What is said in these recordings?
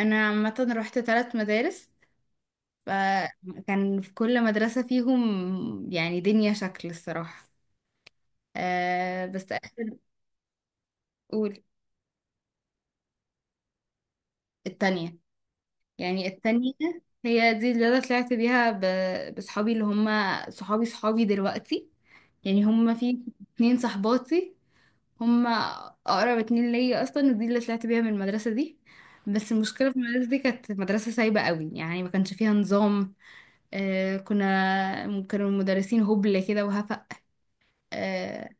انا عامه رحت ثلاث مدارس. فكان في كل مدرسه فيهم يعني دنيا شكل الصراحه. أه، بس اخر اقول. التانية. يعني التانية هي دي اللي انا طلعت بيها بصحابي اللي هم صحابي صحابي دلوقتي. يعني هم في اتنين صحباتي، هم اقرب اتنين ليا اصلا، ودي اللي طلعت بيها من المدرسه دي. بس المشكله في المدرسه دي، كانت مدرسه سايبه قوي، يعني ما كانش فيها نظام. كانوا المدرسين هبل كده وهفق. آه،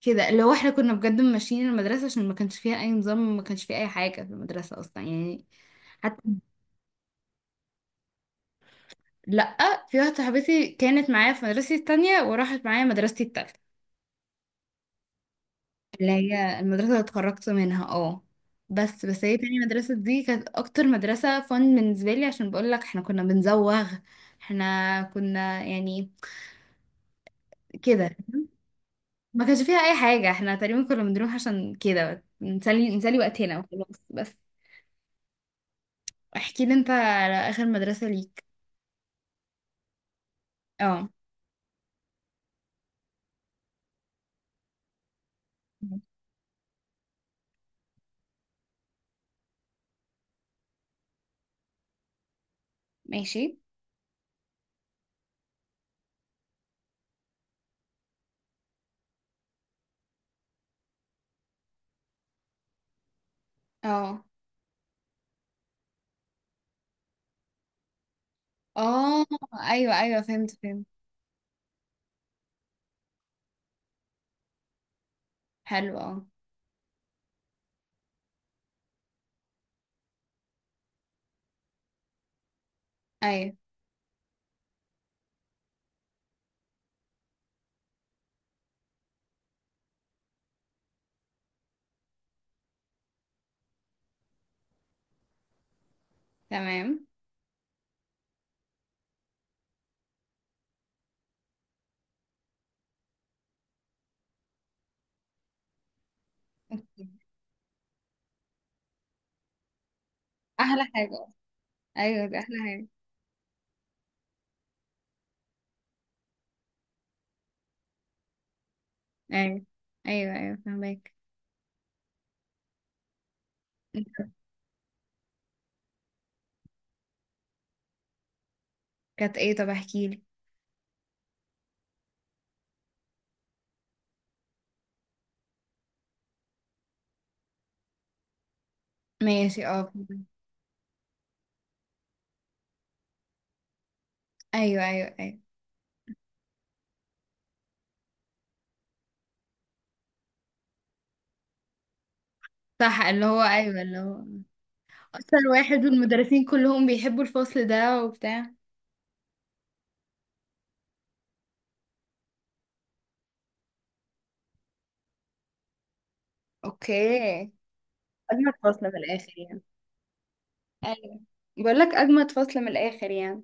كده اللي هو احنا كنا بجد ماشيين المدرسة، عشان ما كانش فيها أي نظام، ما كانش فيها أي حاجة في المدرسة أصلا يعني. حتى لأ، في واحدة صاحبتي كانت معايا في مدرستي التانية وراحت معايا مدرستي التالتة، اللي هي المدرسة اللي اتخرجت منها. اه بس، هي تاني مدرسة دي كانت أكتر مدرسة فن بالنسبة لي، عشان بقولك احنا كنا بنزوغ. احنا كنا يعني كده، ما كانش فيها اي حاجه. احنا تقريبا كنا بنروح عشان كده نسلي نسلي وقتنا وخلاص بس. احكي لي انت على اخر مدرسه ليك. اه، ماشي، اه، اه، ايوه ايوه فهمت فهمت. حلو، اه. ايوه تمام. احلى حاجه. ايوه دي احلى حاجه. ايوه ايوه ايوه فهمك. كانت ايه؟ طب احكي لي. ماشي، اه، فهمك. ايوه ايوه ايوه. صح، اللي هو ايوه اللي هو اكتر واحد، والمدرسين كلهم بيحبوا الفصل ده وبتاع. اوكي. أجمد فصل من الآخر يعني؟ ايوه، بقول لك اجمد فصل من الاخر يعني.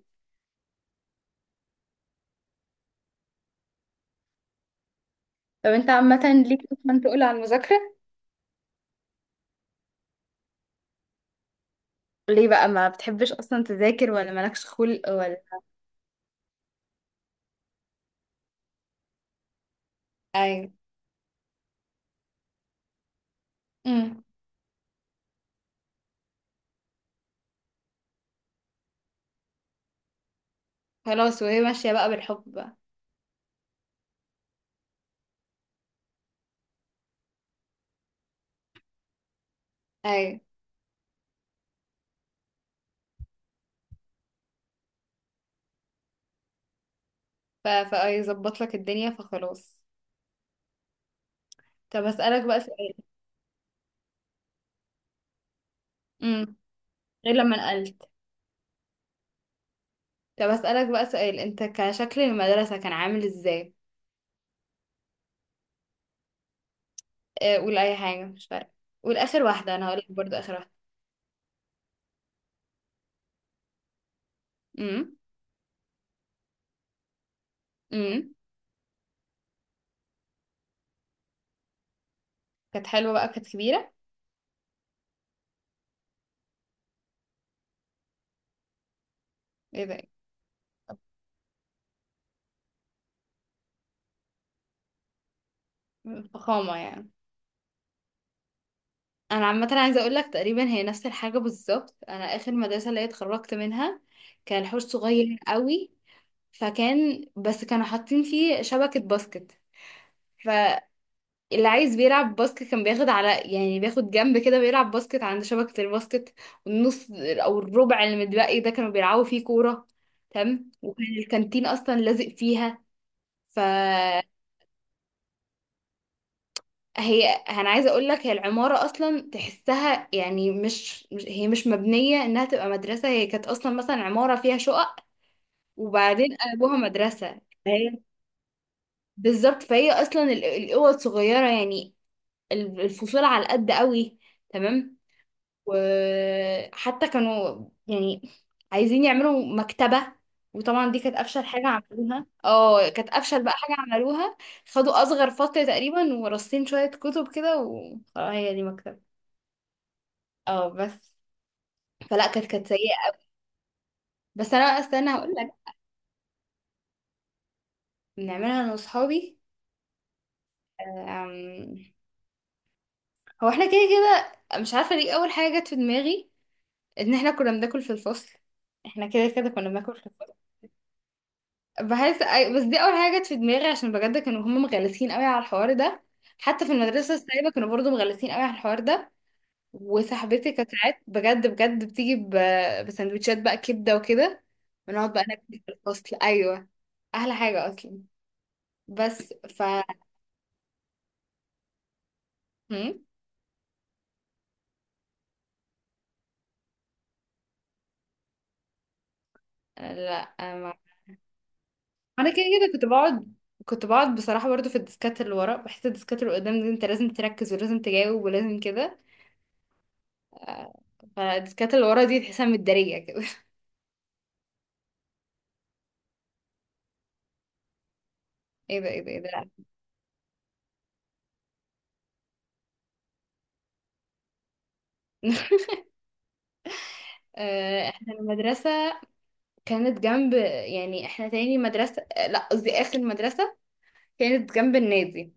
طب انت عامه ليك اصلا تقول على المذاكره؟ ليه بقى؟ ما بتحبش أصلا تذاكر ولا مالكش خلق ولا؟ ايوه. امم خلاص، وهي ماشيه بقى بالحب بقى. ايوه، فيظبط لك الدنيا فخلاص. طب اسالك بقى سؤال. امم غير لما نقلت. طب اسالك بقى سؤال، انت كشكل المدرسه كان عامل ازاي؟ قول اي حاجه مش فارقه. قول اخر واحده انا هقول لك برضو اخر واحده. امم امم كانت حلوه بقى، كانت كبيره. ايه ده. فخامة يعني. انا عامة عايزة اقول لك تقريبا هي نفس الحاجة بالظبط. انا اخر مدرسة اللي هي اتخرجت منها كان حوش صغير قوي. فكان بس كانوا حاطين فيه شبكة باسكت، فاللي عايز بيلعب باسكت كان بياخد على، يعني بياخد جنب كده بيلعب باسكت عند شبكة الباسكت، والنص او الربع اللي متبقي ده كانوا بيلعبوا فيه كورة. تمام، وكان الكانتين اصلا لازق فيها. ف، هي انا عايزه اقول لك هي العماره اصلا تحسها يعني هي مش مبنيه انها تبقى مدرسه. هي كانت اصلا مثلا عماره فيها شقق وبعدين قلبوها مدرسه. هي بالظبط. فهي اصلا الاوض صغيره يعني، الفصول على قد قوي، تمام. وحتى كانوا يعني عايزين يعملوا مكتبه، وطبعا دي كانت افشل حاجه عملوها. اه، كانت افشل بقى حاجه عملوها. خدوا اصغر فصل تقريبا، ورصين شويه كتب كده وخلاص. هي دي مكتبه. اه بس، فلا كانت سيئة. بس انا استنى هقول لك. بنعملها انا واصحابي. أم، هو احنا كده كده مش عارفة ليه اول حاجة جت في دماغي، ان احنا كنا بناكل في الفصل. احنا كده كده كنا بناكل في الفصل. بس دي اول حاجة جت في دماغي، عشان بجد كانوا هم مغلسين قوي على الحوار ده. حتى في المدرسة السايبة كانوا برضو مغلسين قوي على الحوار ده. وصاحبتي كانت ساعات بجد بجد بتيجي بسندوتشات بقى كبدة وكده، ونقعد بقى ناكل في الفصل. ايوه، احلى حاجة اصلا. بس ف. هم؟ لا ما. انا كده كده كنت بقعد، كنت بقعد بصراحة برضو في الديسكات اللي ورا. بحس الديسكات اللي قدام دي انت لازم تركز ولازم تجاوب ولازم كده. آه، فالديسكات اللي ورا دي تحسها متدارية كده. ايه ده ايه ده ايه ده لا. احنا المدرسة كانت جنب، يعني احنا تاني مدرسة، لا قصدي اخر مدرسة، كانت جنب النادي.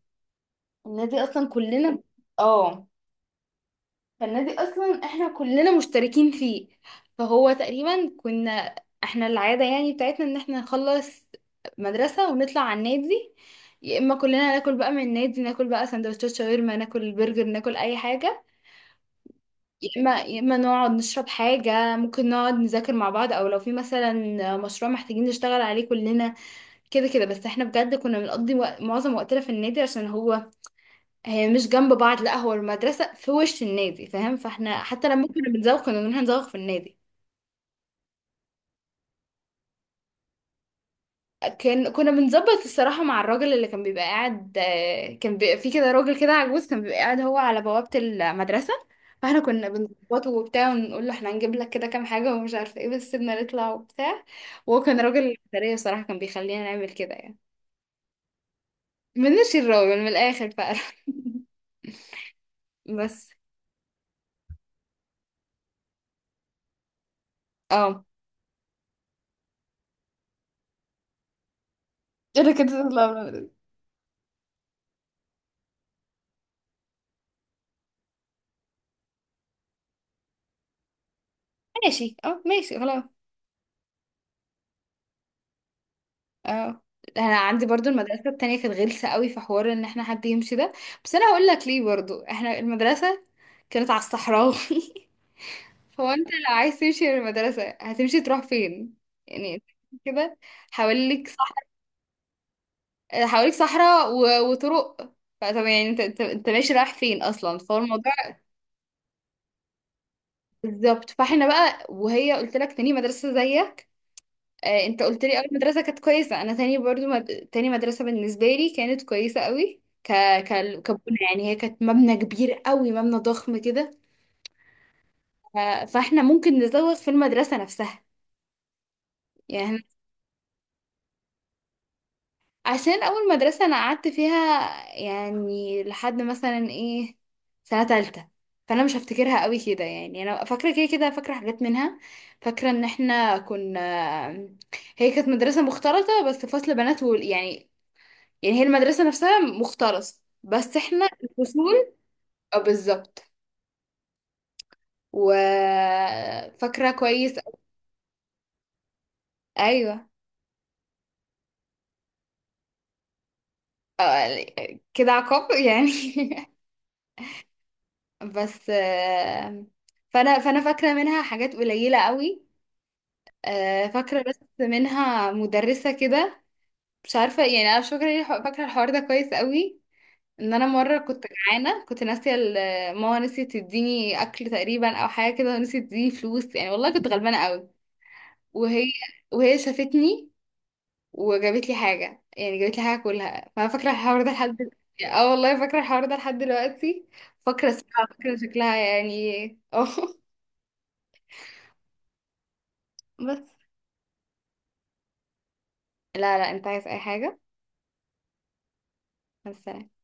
النادي اصلا كلنا، اه، فالنادي اصلا احنا كلنا مشتركين فيه. فهو تقريبا كنا، احنا العاده يعني بتاعتنا ان احنا نخلص مدرسه ونطلع على النادي. يا اما كلنا ناكل بقى من النادي، ناكل بقى سندوتشات شاورما، ناكل برجر، ناكل اي حاجه، يا اما يا اما نقعد نشرب حاجه، ممكن نقعد نذاكر مع بعض او لو في مثلا مشروع محتاجين نشتغل عليه كلنا. كده كده بس. احنا بجد كنا بنقضي معظم وقتنا في النادي، عشان هو، هي مش جنب بعض، لا هو المدرسة في وش النادي فاهم. فاحنا حتى لما كنا بنزوق كنا بنروح نزوق في النادي. كنا بنظبط الصراحة مع الراجل اللي كان بيبقى قاعد، كان بيبقى في كده راجل كده عجوز كان بيبقى قاعد هو على بوابة المدرسة. فاحنا كنا بنظبطه وبتاع ونقول له احنا هنجيب لك كده كام حاجة ومش عارفة ايه، بس سيبنا نطلع وبتاع. وهو كان راجل، الإدارية صراحة كان بيخلينا نعمل كده يعني. من الشراوي من الآخر بقى. بس. اه انا كنت تطلع من المدرسة. ماشي اه، ماشي خلاص. اه، انا عندي برضو المدرسه التانية كانت غلسه قوي في حوار ان احنا حد يمشي ده، بس انا هقول لك ليه. برضو احنا المدرسه كانت على الصحراوي. فهو انت لو عايز تمشي من المدرسه هتمشي تروح فين؟ يعني انت كده، حواليك صح، حواليك صحراء وطرق. فطب يعني انت ماشي رايح فين اصلا، فهو الموضوع. بالظبط. فاحنا بقى، وهي قلت لك تاني مدرسه زيك. انت قلت لي اول مدرسه كانت كويسه، انا تاني برضو تاني مدرسه بالنسبه لي كانت كويسه قوي، كبنى يعني. هي كانت مبنى كبير قوي، مبنى ضخم كده. ف... فاحنا ممكن نزوغ في المدرسه نفسها يعني. عشان اول مدرسه انا قعدت فيها يعني لحد مثلا ايه، سنه تالتة، فانا مش هفتكرها قوي كده يعني. انا فاكره كده كده، فاكره حاجات منها، فاكره ان احنا كنا، هي كانت مدرسه مختلطه، بس فصل بنات يعني، يعني هي المدرسة نفسها مختلصة بس احنا الفصول. اه بالظبط. وفاكرة كويس. ايوه. كده عقاب يعني. بس فانا فاكرة منها حاجات قليلة قوي. فاكرة بس منها مدرسة كده، مش عارفة يعني. انا مش فاكرة ليه، فاكرة الحوار ده كويس قوي، ان انا مرة كنت جعانة كنت ناسية ماما نسيت تديني اكل تقريبا او حاجة كده ونسيت تديني فلوس يعني، والله كنت غلبانة قوي. وهي وهي شافتني وجابت لي حاجة، يعني جابت لي حاجة كلها. فأنا فاكرة الحوار ده لحد اه والله فاكرة الحوار ده لحد دلوقتي. فاكرة اسمها فاكرة شكلها يعني. اه. بس. لا لا، انت عايز اي حاجة؟ بس.